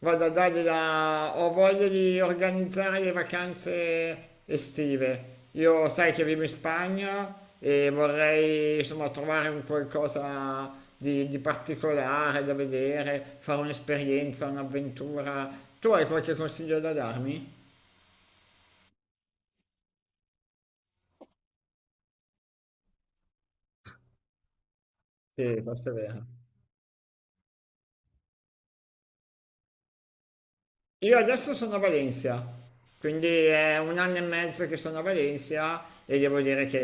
Vado a dargli la ho voglia di organizzare le vacanze estive. Io sai che vivo in Spagna e vorrei insomma trovare un qualcosa di particolare da vedere, fare un'esperienza, un'avventura. Tu hai qualche consiglio da darmi? Sì, forse è vero. Io adesso sono a Valencia, quindi è un anno e mezzo che sono a Valencia e devo dire che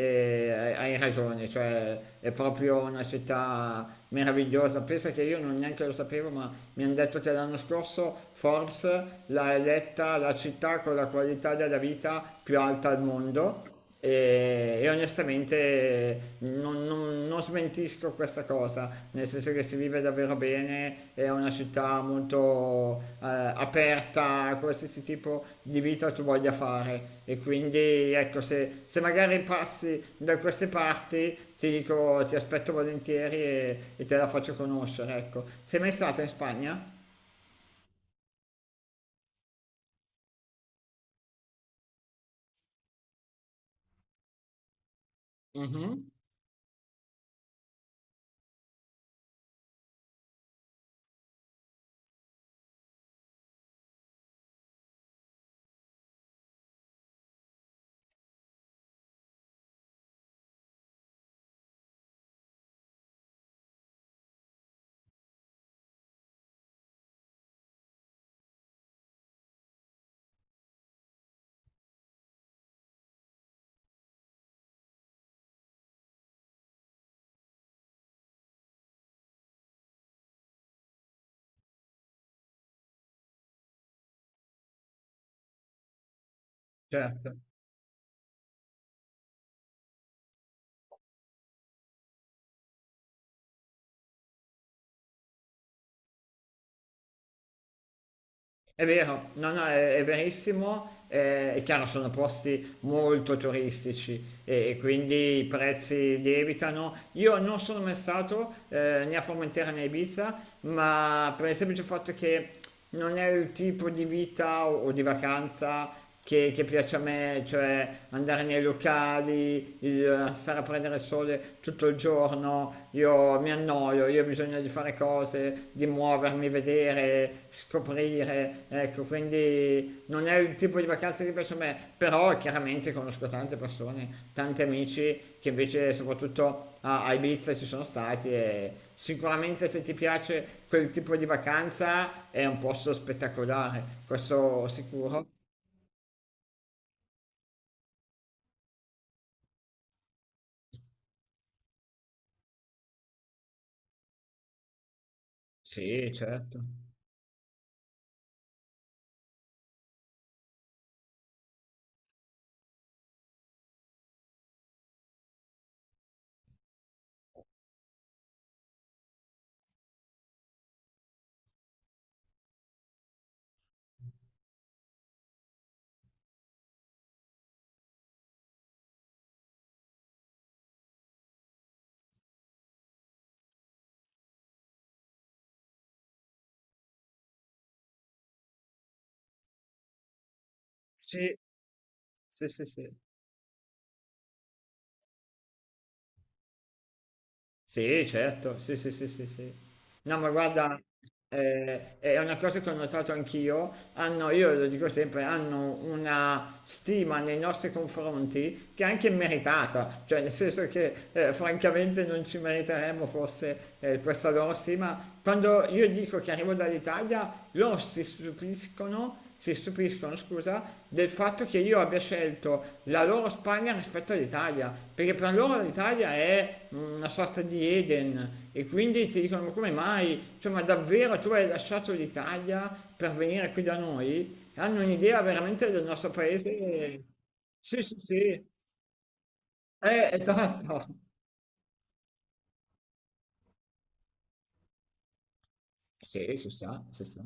hai ragione, cioè è proprio una città meravigliosa. Pensa che io non neanche lo sapevo, ma mi hanno detto che l'anno scorso Forbes l'ha eletta la città con la qualità della vita più alta al mondo e onestamente non smentisco questa cosa, nel senso che si vive davvero bene, è una città molto aperta a qualsiasi tipo di vita tu voglia fare. E quindi ecco, se magari passi da queste parti, ti dico, ti aspetto volentieri e te la faccio conoscere, ecco. Sei mai stata in Spagna? Mhm. Certo. È vero, no, no, è verissimo. È chiaro, sono posti molto turistici e quindi i prezzi lievitano. Io non sono mai stato né a Formentera né a Ibiza, ma per il semplice fatto che non è il tipo di vita o di vacanza che piace a me, cioè andare nei locali, stare a prendere il sole tutto il giorno, io mi annoio, io ho bisogno di fare cose, di muovermi, vedere, scoprire, ecco, quindi non è il tipo di vacanza che piace a me, però chiaramente conosco tante persone, tanti amici che invece soprattutto a Ibiza ci sono stati e sicuramente se ti piace quel tipo di vacanza è un posto spettacolare, questo sicuro. Sì, certo. Sì, sì, sì, sì. Sì, certo, sì, sì, sì, sì, sì. No, ma guarda, è una cosa che ho notato anch'io, hanno, io lo dico sempre, hanno una stima nei nostri confronti che è anche meritata, cioè nel senso che francamente non ci meriteremmo forse questa loro stima. Quando io dico che arrivo dall'Italia, loro si stupiscono, scusa, del fatto che io abbia scelto la loro Spagna rispetto all'Italia, perché per loro l'Italia è una sorta di Eden e quindi ti dicono: "Ma come mai? Cioè, ma davvero tu hai lasciato l'Italia per venire qui da noi?" Hanno un'idea veramente del nostro paese? Sì, sì, sì, esatto. Sì, ci sta, ci sta.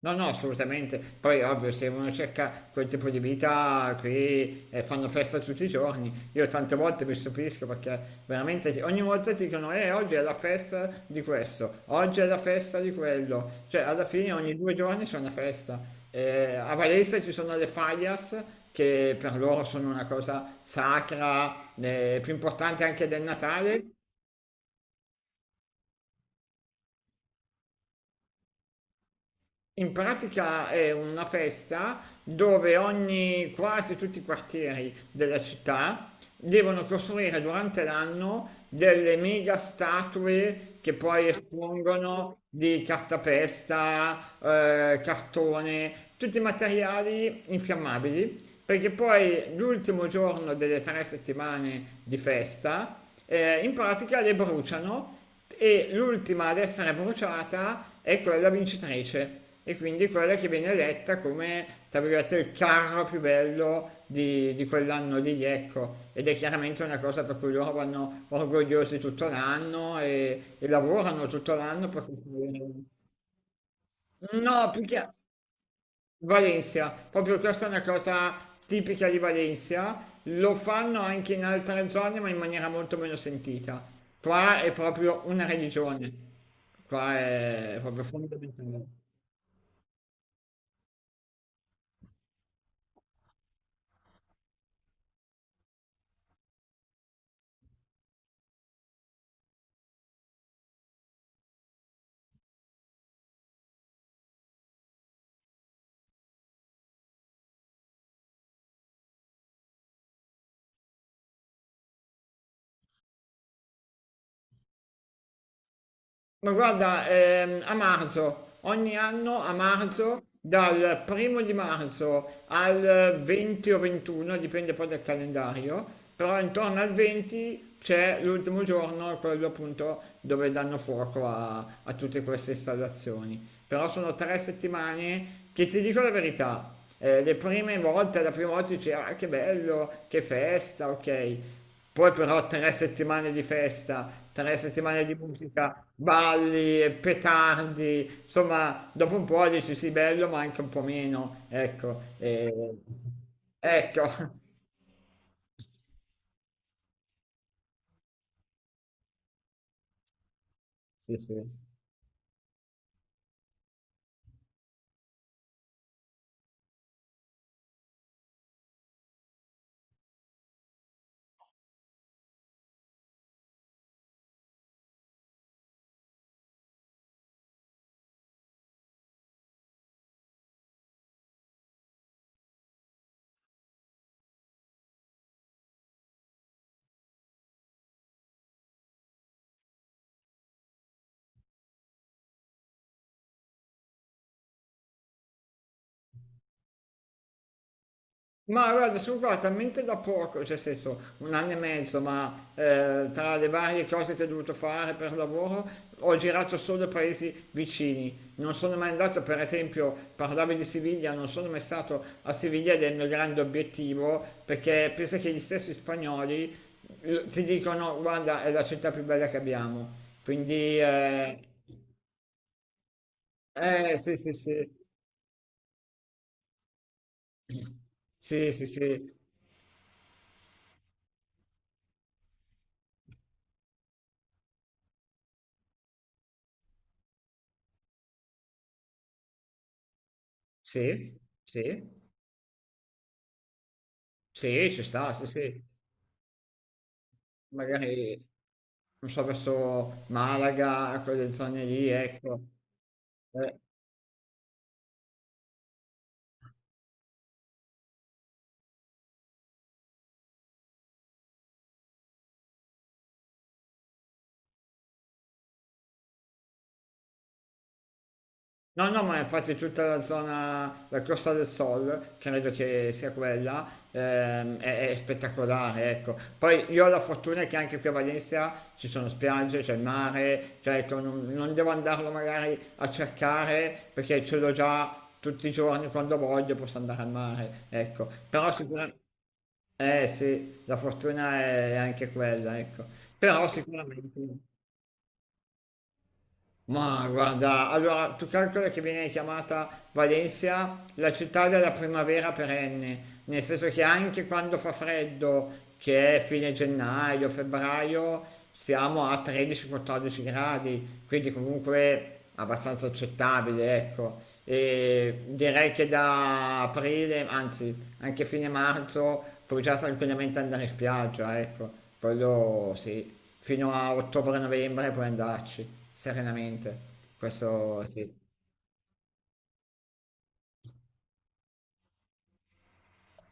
No, no, assolutamente. Poi, ovvio, se uno cerca quel tipo di vita, qui fanno festa tutti i giorni. Io tante volte mi stupisco perché veramente ogni volta ti dicono, oggi è la festa di questo, oggi è la festa di quello. Cioè, alla fine ogni due giorni c'è una festa. A Valencia ci sono le fallas che per loro sono una cosa sacra, più importante anche del Natale. In pratica è una festa dove ogni, quasi tutti i quartieri della città devono costruire durante l'anno delle mega statue che poi espongono di cartapesta, cartone, tutti i materiali infiammabili, perché poi l'ultimo giorno delle tre settimane di festa, in pratica le bruciano e l'ultima ad essere bruciata è quella vincitrice e quindi quella che viene eletta come, tra virgolette, il carro più bello di quell'anno lì, ecco. Ed è chiaramente una cosa per cui loro vanno orgogliosi tutto l'anno e lavorano tutto l'anno per costruire- No, più che Valencia, proprio questa è una cosa tipica di Valencia, lo fanno anche in altre zone ma in maniera molto meno sentita. Qua è proprio una religione. Qua è proprio fondamentale. Ma guarda, a marzo, ogni anno a marzo, dal primo di marzo al 20 o 21, dipende poi dal calendario, però intorno al 20 c'è l'ultimo giorno, quello appunto dove danno fuoco a tutte queste installazioni. Però sono tre settimane che ti dico la verità, le prime volte, la prima volta dicevo, ah, che bello, che festa, ok. Poi però tre settimane di festa, tre settimane di musica, balli, petardi, insomma, dopo un po' dici sì, bello, ma anche un po' meno, ecco. e- Ecco, sì, sì. Ma guarda, sono qua talmente da poco, cioè nel senso un anno e mezzo, ma tra le varie cose che ho dovuto fare per lavoro ho girato solo paesi vicini. Non sono mai andato, per esempio, parlavi di Siviglia, non sono mai stato a Siviglia ed è il mio grande obiettivo, perché pensa che gli stessi spagnoli ti dicono, guarda, è la città più bella che abbiamo. Quindi, sì, sì, sì. Sì, sì, sì, sì, sì, sì, ci sta, sì, sì. Magari, non so, verso Malaga, quelle zone lì, ecco. Eh, no, no, ma infatti tutta la zona, la Costa del Sol, credo che sia quella, è spettacolare, ecco. Poi io ho la fortuna che anche qui a Valencia ci sono spiagge, c'è il mare, cioè ecco, non, non devo andarlo magari a cercare perché ce l'ho già tutti i giorni quando voglio posso andare al mare, ecco. Però sicuramente... Eh sì, la fortuna è anche quella, ecco. Però sicuramente. Ma guarda, allora tu calcola che viene chiamata Valencia la città della primavera perenne, nel senso che anche quando fa freddo, che è fine gennaio, febbraio, siamo a 13-14 gradi, quindi comunque abbastanza accettabile, ecco. E direi che da aprile, anzi anche fine marzo, puoi già tranquillamente andare in spiaggia, ecco. Quello sì, fino a ottobre-novembre puoi andarci serenamente. Questo sì.